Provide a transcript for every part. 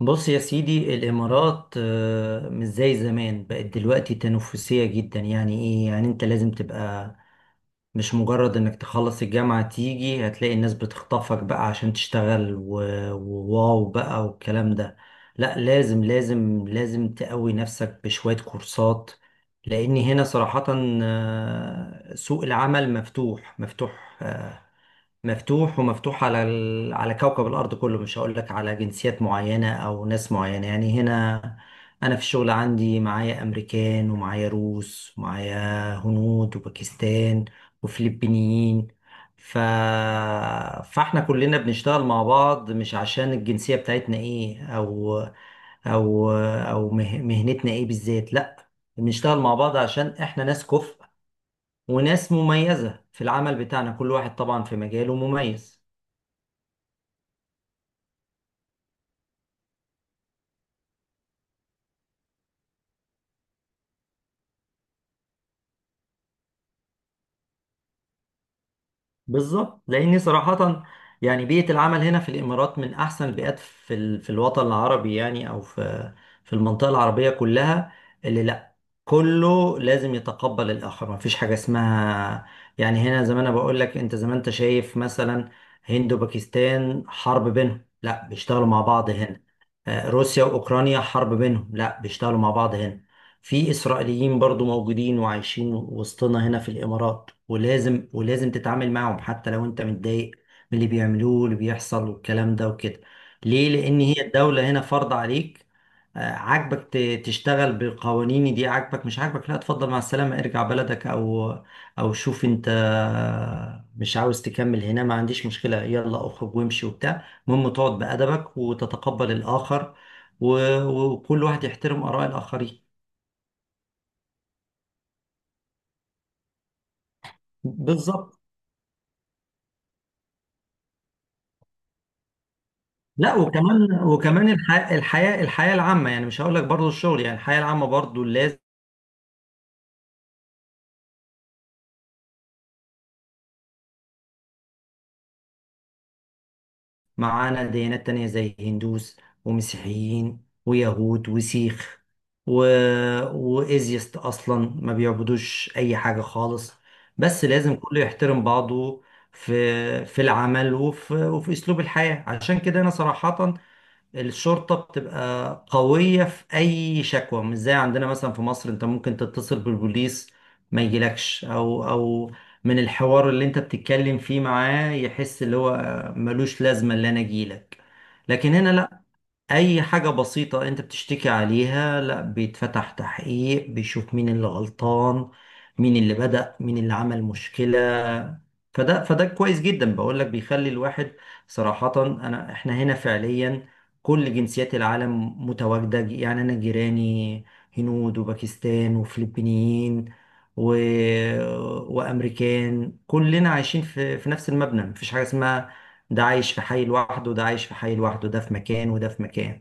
بص يا سيدي، الإمارات مش زي زمان، بقت دلوقتي تنافسية جدا. يعني إيه؟ يعني أنت لازم تبقى مش مجرد إنك تخلص الجامعة تيجي هتلاقي الناس بتخطفك بقى عشان تشتغل وواو بقى والكلام ده. لا لازم لازم لازم تقوي نفسك بشوية كورسات، لأن هنا صراحة سوق العمل مفتوح مفتوح. مفتوح ومفتوح على على كوكب الأرض كله. مش هقول لك على جنسيات معينة أو ناس معينة، يعني هنا أنا في الشغل عندي معايا أمريكان ومعايا روس ومعايا هنود وباكستان وفلبينيين ف... فاحنا كلنا بنشتغل مع بعض، مش عشان الجنسية بتاعتنا ايه، أو مهنتنا ايه بالذات. لأ، بنشتغل مع بعض عشان احنا ناس كفء وناس مميزة في العمل بتاعنا، كل واحد طبعا في مجاله مميز. بالظبط، لاني صراحه يعني بيئه العمل هنا في الامارات من احسن البيئات في الوطن العربي، يعني او في المنطقه العربيه كلها. اللي لا كله لازم يتقبل الاخر، ما فيش حاجه اسمها. يعني هنا زي ما انا بقول لك، انت زي ما انت شايف مثلا، هند وباكستان حرب بينهم، لا بيشتغلوا مع بعض هنا. روسيا واوكرانيا حرب بينهم، لا بيشتغلوا مع بعض هنا. في إسرائيليين برضو موجودين وعايشين وسطنا هنا في الإمارات، ولازم تتعامل معهم حتى لو أنت متضايق من اللي بيعملوه واللي بيحصل والكلام ده وكده. ليه؟ لأن هي الدولة هنا فرض عليك. عاجبك تشتغل بقوانين دي، عاجبك مش عاجبك، لا اتفضل مع السلامة، ارجع بلدك أو شوف أنت مش عاوز تكمل هنا، ما عنديش مشكلة، يلا اخرج وامشي وبتاع. المهم تقعد بأدبك وتتقبل الآخر، و- وكل واحد يحترم آراء الآخرين. بالظبط. لا وكمان وكمان الحياة العامة، يعني مش هقول لك برضه الشغل، يعني الحياة العامة برضه لازم. معانا ديانات تانية زي هندوس ومسيحيين ويهود وسيخ و... وإيزيست أصلا ما بيعبدوش أي حاجة خالص، بس لازم كله يحترم بعضه في العمل وفي أسلوب الحياة. عشان كده أنا صراحة، الشرطة بتبقى قوية في أي شكوى، مش زي عندنا مثلا في مصر. أنت ممكن تتصل بالبوليس ما يجيلكش، أو من الحوار اللي أنت بتتكلم فيه معاه يحس اللي هو ملوش لازمة اللي أنا أجيلك. لكن هنا لأ، اي حاجة بسيطة انت بتشتكي عليها، لا بيتفتح تحقيق، بيشوف مين اللي غلطان، مين اللي بدأ، مين اللي عمل مشكلة. فده كويس جدا، بقول لك بيخلي الواحد صراحة. انا احنا هنا فعليا كل جنسيات العالم متواجدة، يعني انا جيراني هنود وباكستان وفلبينيين و... وامريكان، كلنا عايشين في نفس المبنى. مفيش حاجة اسمها ده عايش في حي لوحده وده عايش في حي لوحده، ده في مكان وده في مكان.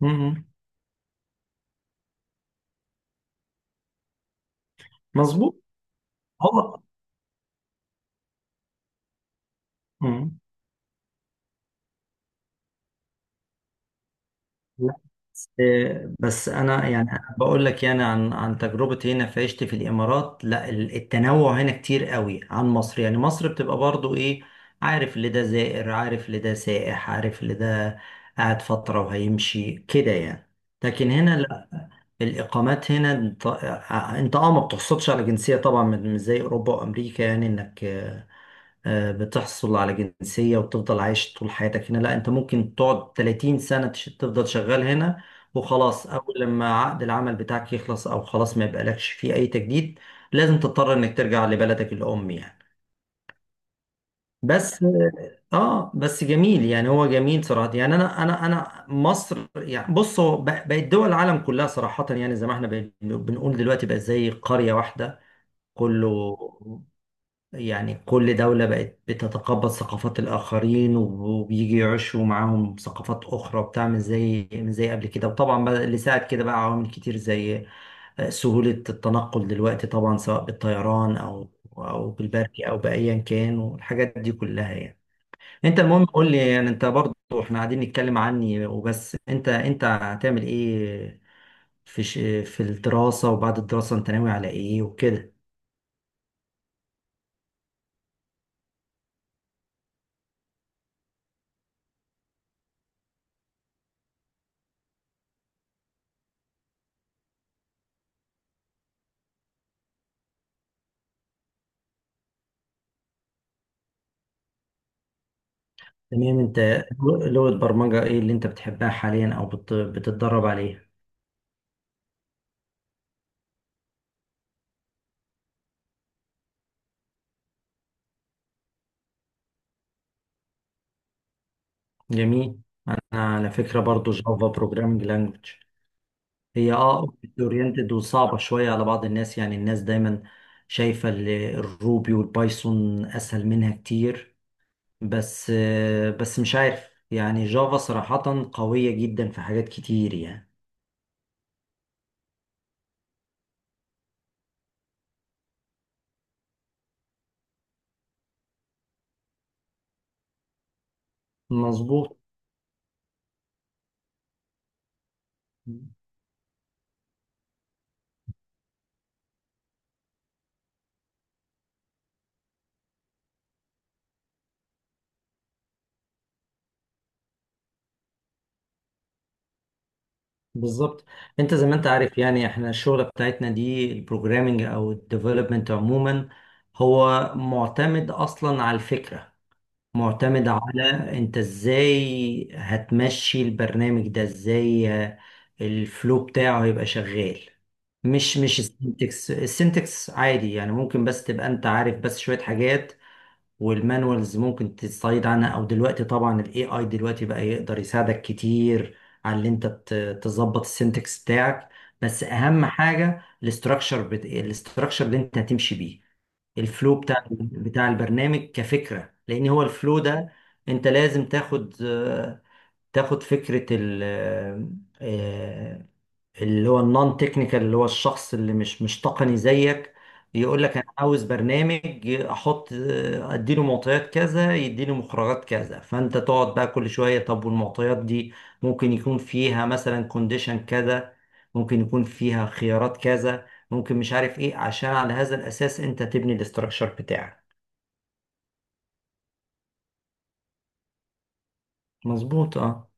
مم. مظبوط. هو. مم. لا، بس بس انا يعني بقول لك يعني عن تجربتي هنا في عيشتي في الامارات. لا التنوع هنا كتير قوي عن مصر، يعني مصر بتبقى برضو ايه، عارف اللي ده زائر، عارف اللي ده سائح، عارف اللي ده قاعد فترة وهيمشي كده يعني. لكن هنا لا، الاقامات هنا انت آه، آه، انت ما بتحصلش على جنسية طبعا، مش زي اوروبا وامريكا يعني، انك بتحصل على جنسية وتفضل عايش طول حياتك هنا. لا انت ممكن تقعد 30 سنة تفضل شغال هنا، وخلاص اول لما عقد العمل بتاعك يخلص او خلاص ما يبقالكش فيه اي تجديد، لازم تضطر انك ترجع لبلدك الام يعني. بس اه بس جميل يعني، هو جميل صراحة يعني. انا مصر يعني، بص هو بقت دول العالم كلها صراحة يعني، زي ما احنا بنقول دلوقتي بقت زي قرية واحدة كله. يعني كل دولة بقت بتتقبل ثقافات الآخرين وبيجي يعيشوا معاهم ثقافات أخرى وبتاع، مش زي قبل كده. وطبعا بقى اللي ساعد كده بقى عوامل كتير، زي سهولة التنقل دلوقتي طبعا، سواء بالطيران أو بالبري أو بأيا كان والحاجات دي كلها يعني. أنت المهم قول لي يعني، أنت برضه إحنا قاعدين نتكلم عني وبس. أنت هتعمل إيه في الدراسة وبعد الدراسة؟ أنت ناوي على إيه وكده؟ تمام. انت لغة برمجة ايه اللي انت بتحبها حاليا او بتتدرب عليها؟ جميل. انا على فكرة برضو جافا بروجرامنج لانجوج. هي اوبجكت اورينتد وصعبة شوية على بعض الناس، يعني الناس دايما شايفة الروبي والبايثون اسهل منها كتير، بس مش عارف، يعني جافا صراحة قوية جدا في حاجات كتير يعني. مظبوط. بالظبط. انت زي ما انت عارف يعني احنا الشغله بتاعتنا دي البروجرامنج او الديفلوبمنت عموما، هو معتمد اصلا على الفكره، معتمد على انت ازاي هتمشي البرنامج ده، ازاي الفلو بتاعه هيبقى شغال. مش السنتكس، السنتكس عادي يعني، ممكن بس تبقى انت عارف بس شويه حاجات، والمانوالز ممكن تستعيد عنها، او دلوقتي طبعا الاي اي دلوقتي بقى يقدر يساعدك كتير على اللي انت تظبط السنتكس بتاعك. بس اهم حاجه الاستراكشر الاستراكشر اللي انت هتمشي بيه الفلو بتاع البرنامج كفكره، لان هو الفلو ده انت لازم تاخد فكره ال آه، اللي هو النون تكنيكال، اللي هو الشخص اللي مش تقني زيك، يقول لك انا عاوز برنامج احط، اديله معطيات كذا يديني مخرجات كذا، فانت تقعد بقى كل شويه طب والمعطيات دي ممكن يكون فيها مثلا كونديشن كذا، ممكن يكون فيها خيارات كذا، ممكن مش عارف ايه، عشان على هذا الاساس انت تبني الاستراكشر بتاعك. مظبوط اه.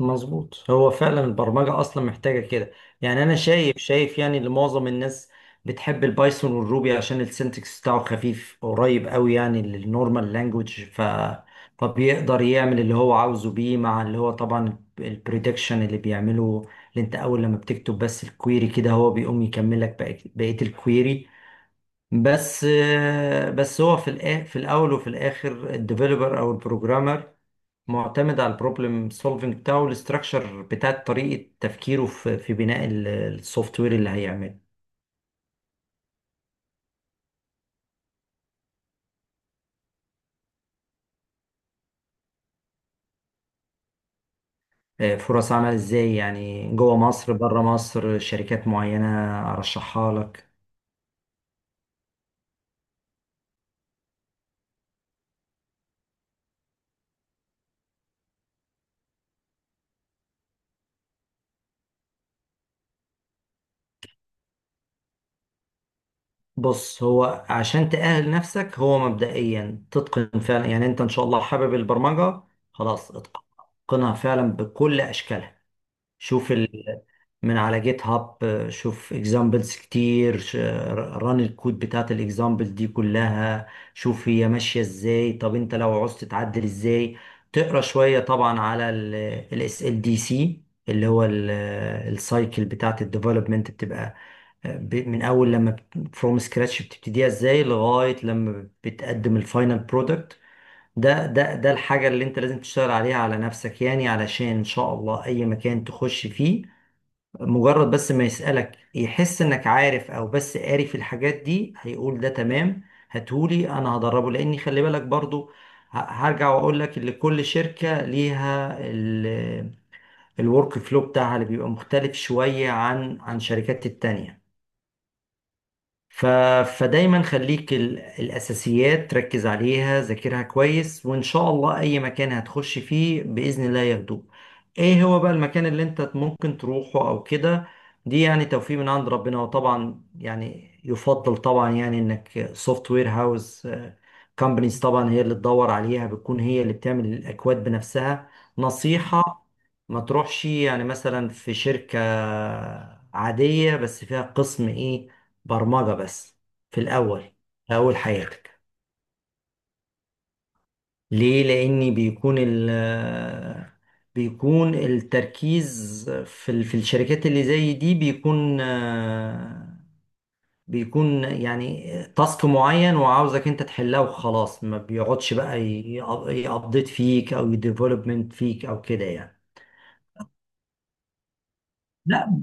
مظبوط، هو فعلا البرمجة أصلا محتاجة كده يعني. أنا شايف شايف يعني اللي معظم الناس بتحب البايثون والروبي عشان السنتكس بتاعه خفيف قريب قوي يعني للنورمال لانجوج، فبيقدر يعمل اللي هو عاوزه بيه، مع اللي هو طبعا البريدكشن اللي بيعمله، اللي انت اول لما بتكتب بس الكويري كده هو بيقوم يكملك بقية الكويري. بس بس هو في الاول وفي الاخر الديفلوبر او البروجرامر معتمد على البروبلم سولفنج بتاعه والاستراكشر بتاع طريقة تفكيره في بناء السوفت وير اللي هيعمله. فرص عمل ازاي؟ يعني جوه مصر بره مصر شركات معينة ارشحها لك؟ بص، هو عشان تأهل نفسك، هو مبدئيا تتقن فعلا، يعني انت ان شاء الله حابب البرمجة، خلاص اتقنها فعلا بكل اشكالها. شوف من على جيت هاب، شوف اكزامبلز كتير، ران الكود بتاعت الاكزامبل دي كلها، شوف هي ماشية ازاي، طب انت لو عوزت تعدل ازاي، تقرا شوية طبعا على الاس ال دي سي، اللي هو السايكل بتاعت الديفلوبمنت بتبقى من اول لما فروم سكراتش بتبتديها ازاي لغاية لما بتقدم الفاينل برودكت. ده الحاجة اللي انت لازم تشتغل عليها على نفسك، يعني علشان ان شاء الله اي مكان تخش فيه، مجرد بس ما يسألك يحس انك عارف او بس قاري في الحاجات دي، هيقول ده تمام هاتهولي انا هدربه. لاني خلي بالك برضو، هرجع واقول لك ان كل شركة ليها الورك فلو بتاعها اللي بيبقى مختلف شوية عن شركات التانية. ف... فدايما خليك، الأساسيات ركز عليها، ذاكرها كويس، وإن شاء الله أي مكان هتخش فيه بإذن الله ياخدوه. إيه هو بقى المكان اللي أنت ممكن تروحه أو كده؟ دي يعني توفيق من عند ربنا. وطبعا يعني يفضل طبعا يعني إنك سوفت وير هاوس كومبانيز طبعا هي اللي تدور عليها، بتكون هي اللي بتعمل الأكواد بنفسها. نصيحة، ما تروحش يعني مثلا في شركة عادية بس فيها قسم ايه، برمجة بس، في الأول في أول حياتك. ليه؟ لأن بيكون ال آه، بيكون التركيز في الشركات اللي زي دي، بيكون بيكون يعني تاسك معين وعاوزك انت تحلها وخلاص، ما بيقعدش بقى يابديت فيك او يديفلوبمنت فيك او كده يعني. لا،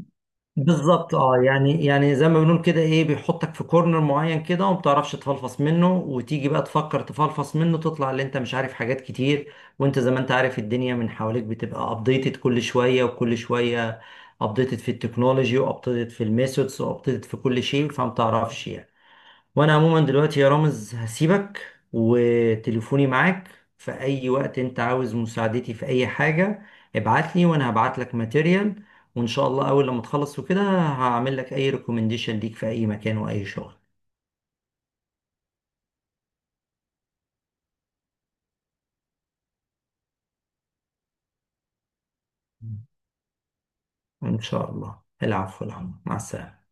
بالظبط اه، يعني يعني زي ما بنقول كده ايه، بيحطك في كورنر معين كده، وما بتعرفش تفلفص منه، وتيجي بقى تفكر تفلفص منه تطلع اللي انت مش عارف حاجات كتير. وانت زي ما انت عارف الدنيا من حواليك بتبقى ابديتد كل شوية وكل شوية، ابديتد في التكنولوجي وابديتد في الميثودز وابديتد في كل شيء، فما بتعرفش يعني. وانا عموما دلوقتي يا رامز هسيبك، وتليفوني معاك في اي وقت انت عاوز مساعدتي في اي حاجة ابعتلي، وانا هبعت لك ماتيريال. وان شاء الله اول لما تخلص وكده هعمل لك اي ريكومنديشن ليك في اي مكان واي شغل. ان شاء الله، العفو العفو، مع السلامة.